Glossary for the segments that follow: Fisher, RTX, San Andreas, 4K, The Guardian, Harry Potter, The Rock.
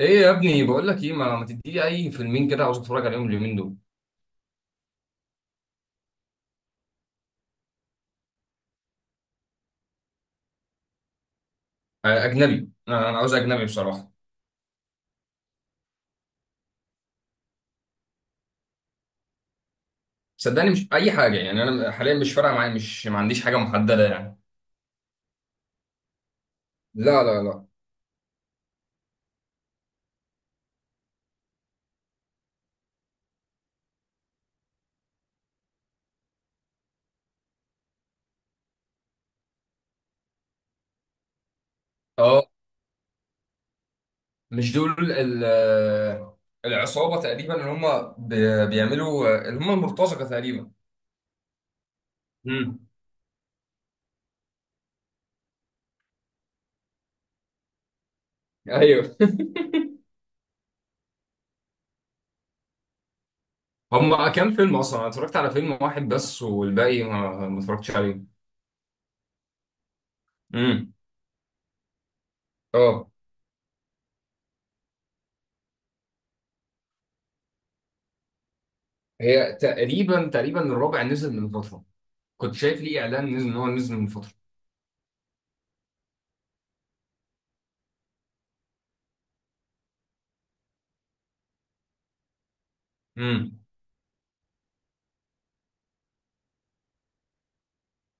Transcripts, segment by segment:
ايه يا ابني، بقول لك ايه، ما تديلي اي فيلمين كده، عاوز اتفرج عليهم اليومين دول. اجنبي، أنا عاوز اجنبي بصراحه. صدقني مش اي حاجه يعني، انا حاليا مش فارقه معايا، مش ما عنديش حاجه محدده يعني. لا، لا، لا. اه، مش دول العصابه تقريبا، اللي هم بيعملوا، اللي هم المرتزقه تقريبا. امم. ايولا. هم كام فيلم اصلا؟ انا اتفرجت على فيلم واحد بس، والباقي ما اتفرجتش عليه. امم. اه. هي تقريبا الرابع نزل من فتره، كنت شايف ليه اعلان نزل ان هو نزل من فتره. امم.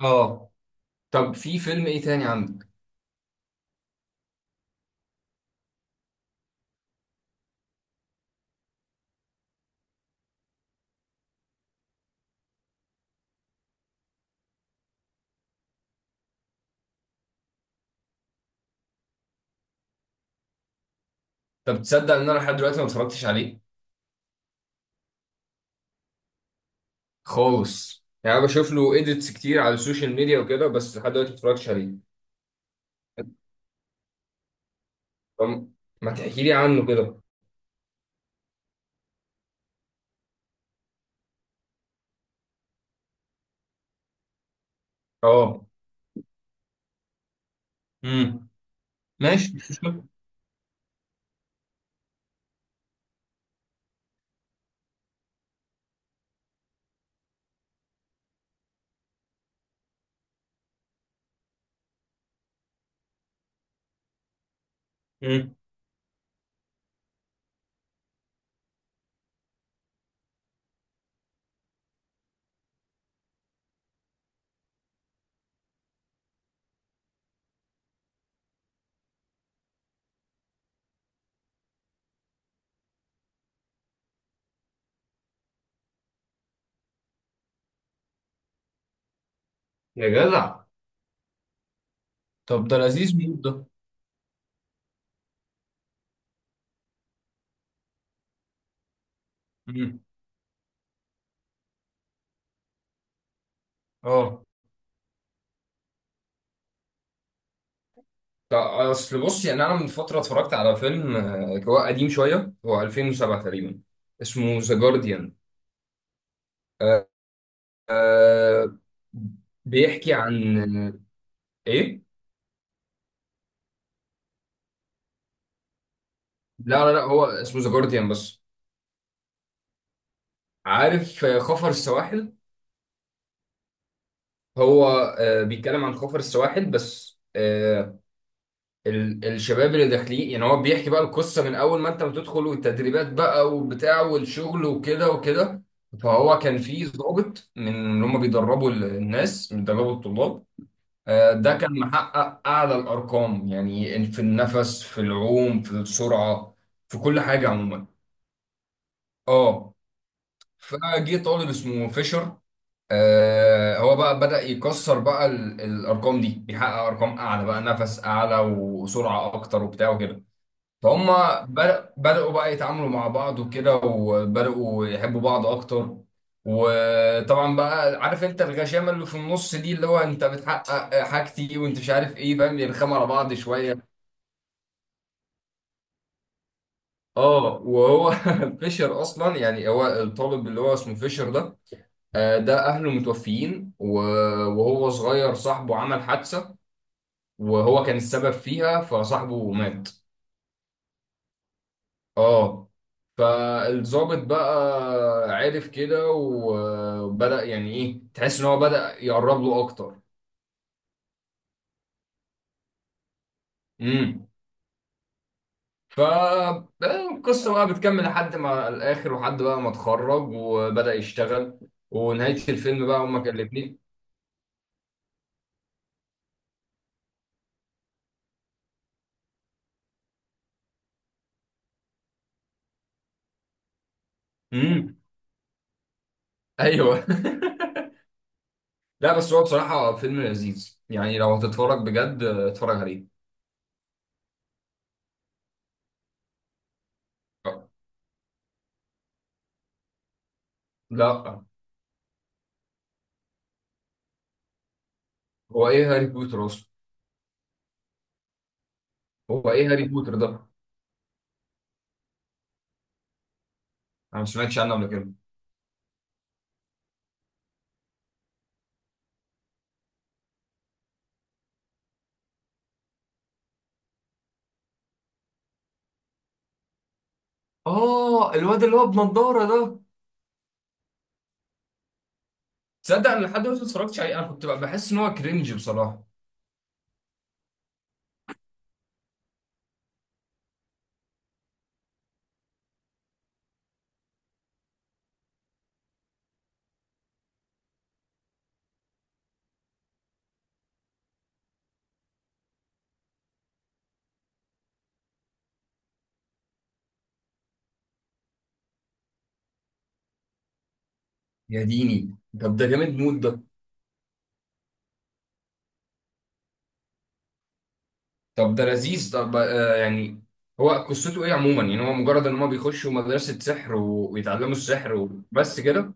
اه. طب في فيلم ايه تاني عندك؟ طب تصدق ان انا لحد دلوقتي ما اتفرجتش عليه؟ خالص يعني، انا بشوف له ايديتس كتير على السوشيال ميديا وكده، بس لحد دلوقتي ما اتفرجتش عليه. طب ما تحكي لي عنه كده. اه. امم. ماشي، مش مشكله. امم. يا جدع. طب ده لذيذ موت ده. امم. اه. طب اصل بص يعني، انا من فتره اتفرجت على فيلم، هو قديم شويه، هو 2007 تقريبا، اسمه ذا جارديان. آه، بيحكي عن ايه. لا، لا، لا، هو اسمه ذا جارديان بس. عارف، خفر السواحل. هو بيتكلم عن خفر السواحل بس. الشباب اللي داخلين يعني، هو بيحكي بقى القصة من اول ما انت بتدخل، والتدريبات بقى وبتاع، والشغل وكده وكده. فهو كان في ضابط من اللي هم بيدربوا الناس، بيدربوا الطلاب. ده كان محقق أعلى الأرقام، يعني في النفس، في العوم، في السرعة، في كل حاجة عموما. اه. فجه طالب اسمه فيشر. هو بقى بدأ يكسر بقى الارقام دي، بيحقق ارقام اعلى بقى، نفس اعلى وسرعه اكتر وبتاع وكده. فهم بدأوا بقى يتعاملوا مع بعض وكده، وبدأوا يحبوا بعض اكتر. وطبعا بقى، عارف انت الغشامه اللي في النص دي، اللي هو انت بتحقق حاجتي وانت مش عارف ايه، فاهم، يرخموا على بعض شويه. اه، وهو فيشر اصلا يعني، هو الطالب اللي هو اسمه فيشر ده. ده اهله متوفيين وهو صغير صاحبه عمل حادثة، وهو كان السبب فيها، فصاحبه مات. اه. فالضابط بقى عرف كده، وبدأ يعني ايه، تحس ان هو بدأ يقرب له اكتر. امم. فالقصة بقى بتكمل لحد ما الاخر، وحد بقى ما اتخرج وبدأ يشتغل، ونهاية الفيلم بقى هما كان الاتنين. امم. ايوه. لا، بس هو بصراحة فيلم لذيذ يعني، لو هتتفرج بجد اتفرج عليه. لا، هو ايه هاري بوتر اصلا؟ هو ايه هاري بوتر ده؟ انا ما سمعتش عنه قبل كده. اه، الواد اللي هو بنضارة ده. تصدق انا لحد دلوقتي ما اتفرجتش عليه، انا كنت بقى بحس ان هو كرنج بصراحة. يا ديني. طب ده جامد موت ده. طب ده لذيذ، طب يعني، هو قصته ايه عموما يعني، هو مجرد ان هم بيخشوا مدرسة سحر ويتعلموا السحر وبس كده؟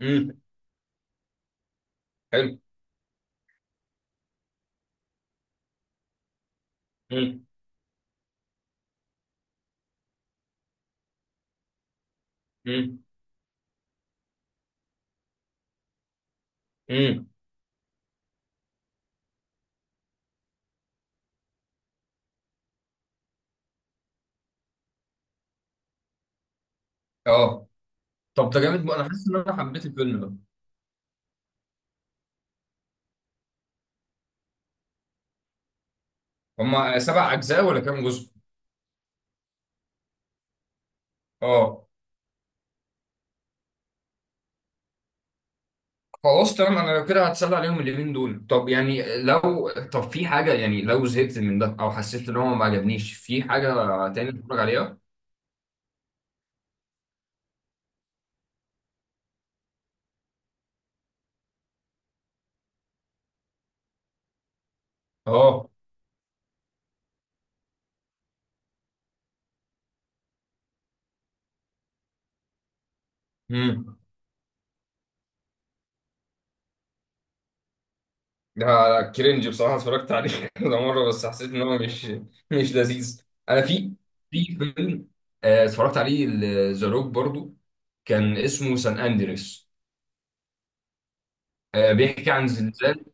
امم. حلو. امم. امم. امم. اه. طب ده جامد، انا حاسس ان انا حبيت الفيلم ده. هما 7 اجزاء ولا كام جزء؟ اه. خلاص تمام، انا لو كده هتسلى عليهم اليومين دول. طب يعني لو، طب في حاجه يعني، لو زهقت من ده او حسيت ان هو ما عجبنيش، في حاجه تاني اتفرج عليها؟ اه. امم. ده كرنج بصراحه، اتفرجت عليه كذا مره، بس حسيت ان هو مش لذيذ. انا في فيلم، اتفرجت عليه، ذا روك برضو، كان اسمه سان اندريس. بيحكي عن زلزال.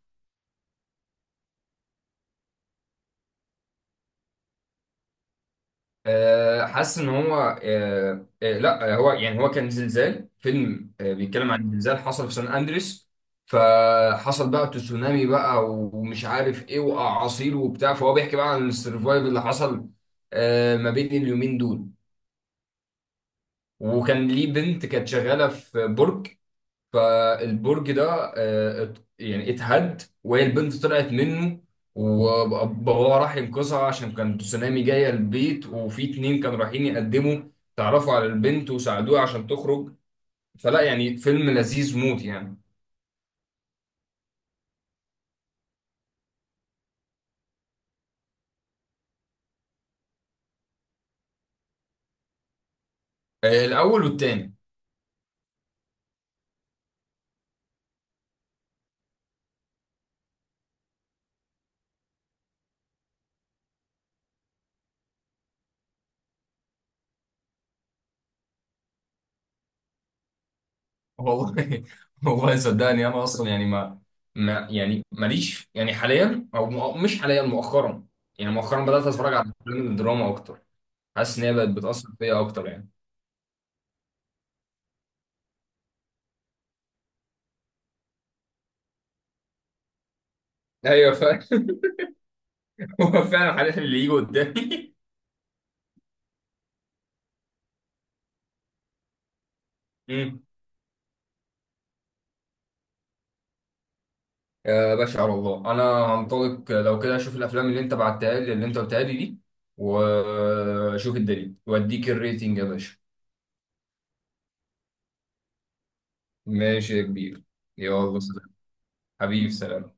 حاسس ان هو، لا، هو يعني، هو كان زلزال، فيلم بيتكلم عن زلزال حصل في سان اندريس. فحصل بقى تسونامي بقى، ومش عارف ايه، واعاصير وبتاع، فهو بيحكي بقى عن السرفايف اللي حصل ما بين اليومين دول. وكان ليه بنت كانت شغاله في برج، فالبرج ده يعني اتهد، وهي البنت طلعت منه، وباباها راح ينقذها عشان كان تسونامي جاية البيت، وفي اتنين كانوا رايحين يقدموا، تعرفوا على البنت وساعدوها عشان تخرج. فلا يعني، فيلم لذيذ موت يعني. الأول والتاني. والله، والله صدقني، أنا أصلا يعني ما يعني، ماليش يعني حاليا، أو مش حاليا، مؤخرا، يعني مؤخرا بدأت أتفرج على الأفلام الدراما أكتر. حاسس إن هي بقت بتأثر فيا أكتر يعني. ايوه. هو فعلا هنحل اللي يجي قدامي. امم. يا باشا، على الله انا هنطلق لو كده، اشوف الافلام اللي انت بعتها لي، اللي انت قلتها لي دي، واشوف الدليل واديك الريتنج يا باشا. ماشي يا كبير. يلا، سلام. حبيبي، سلام.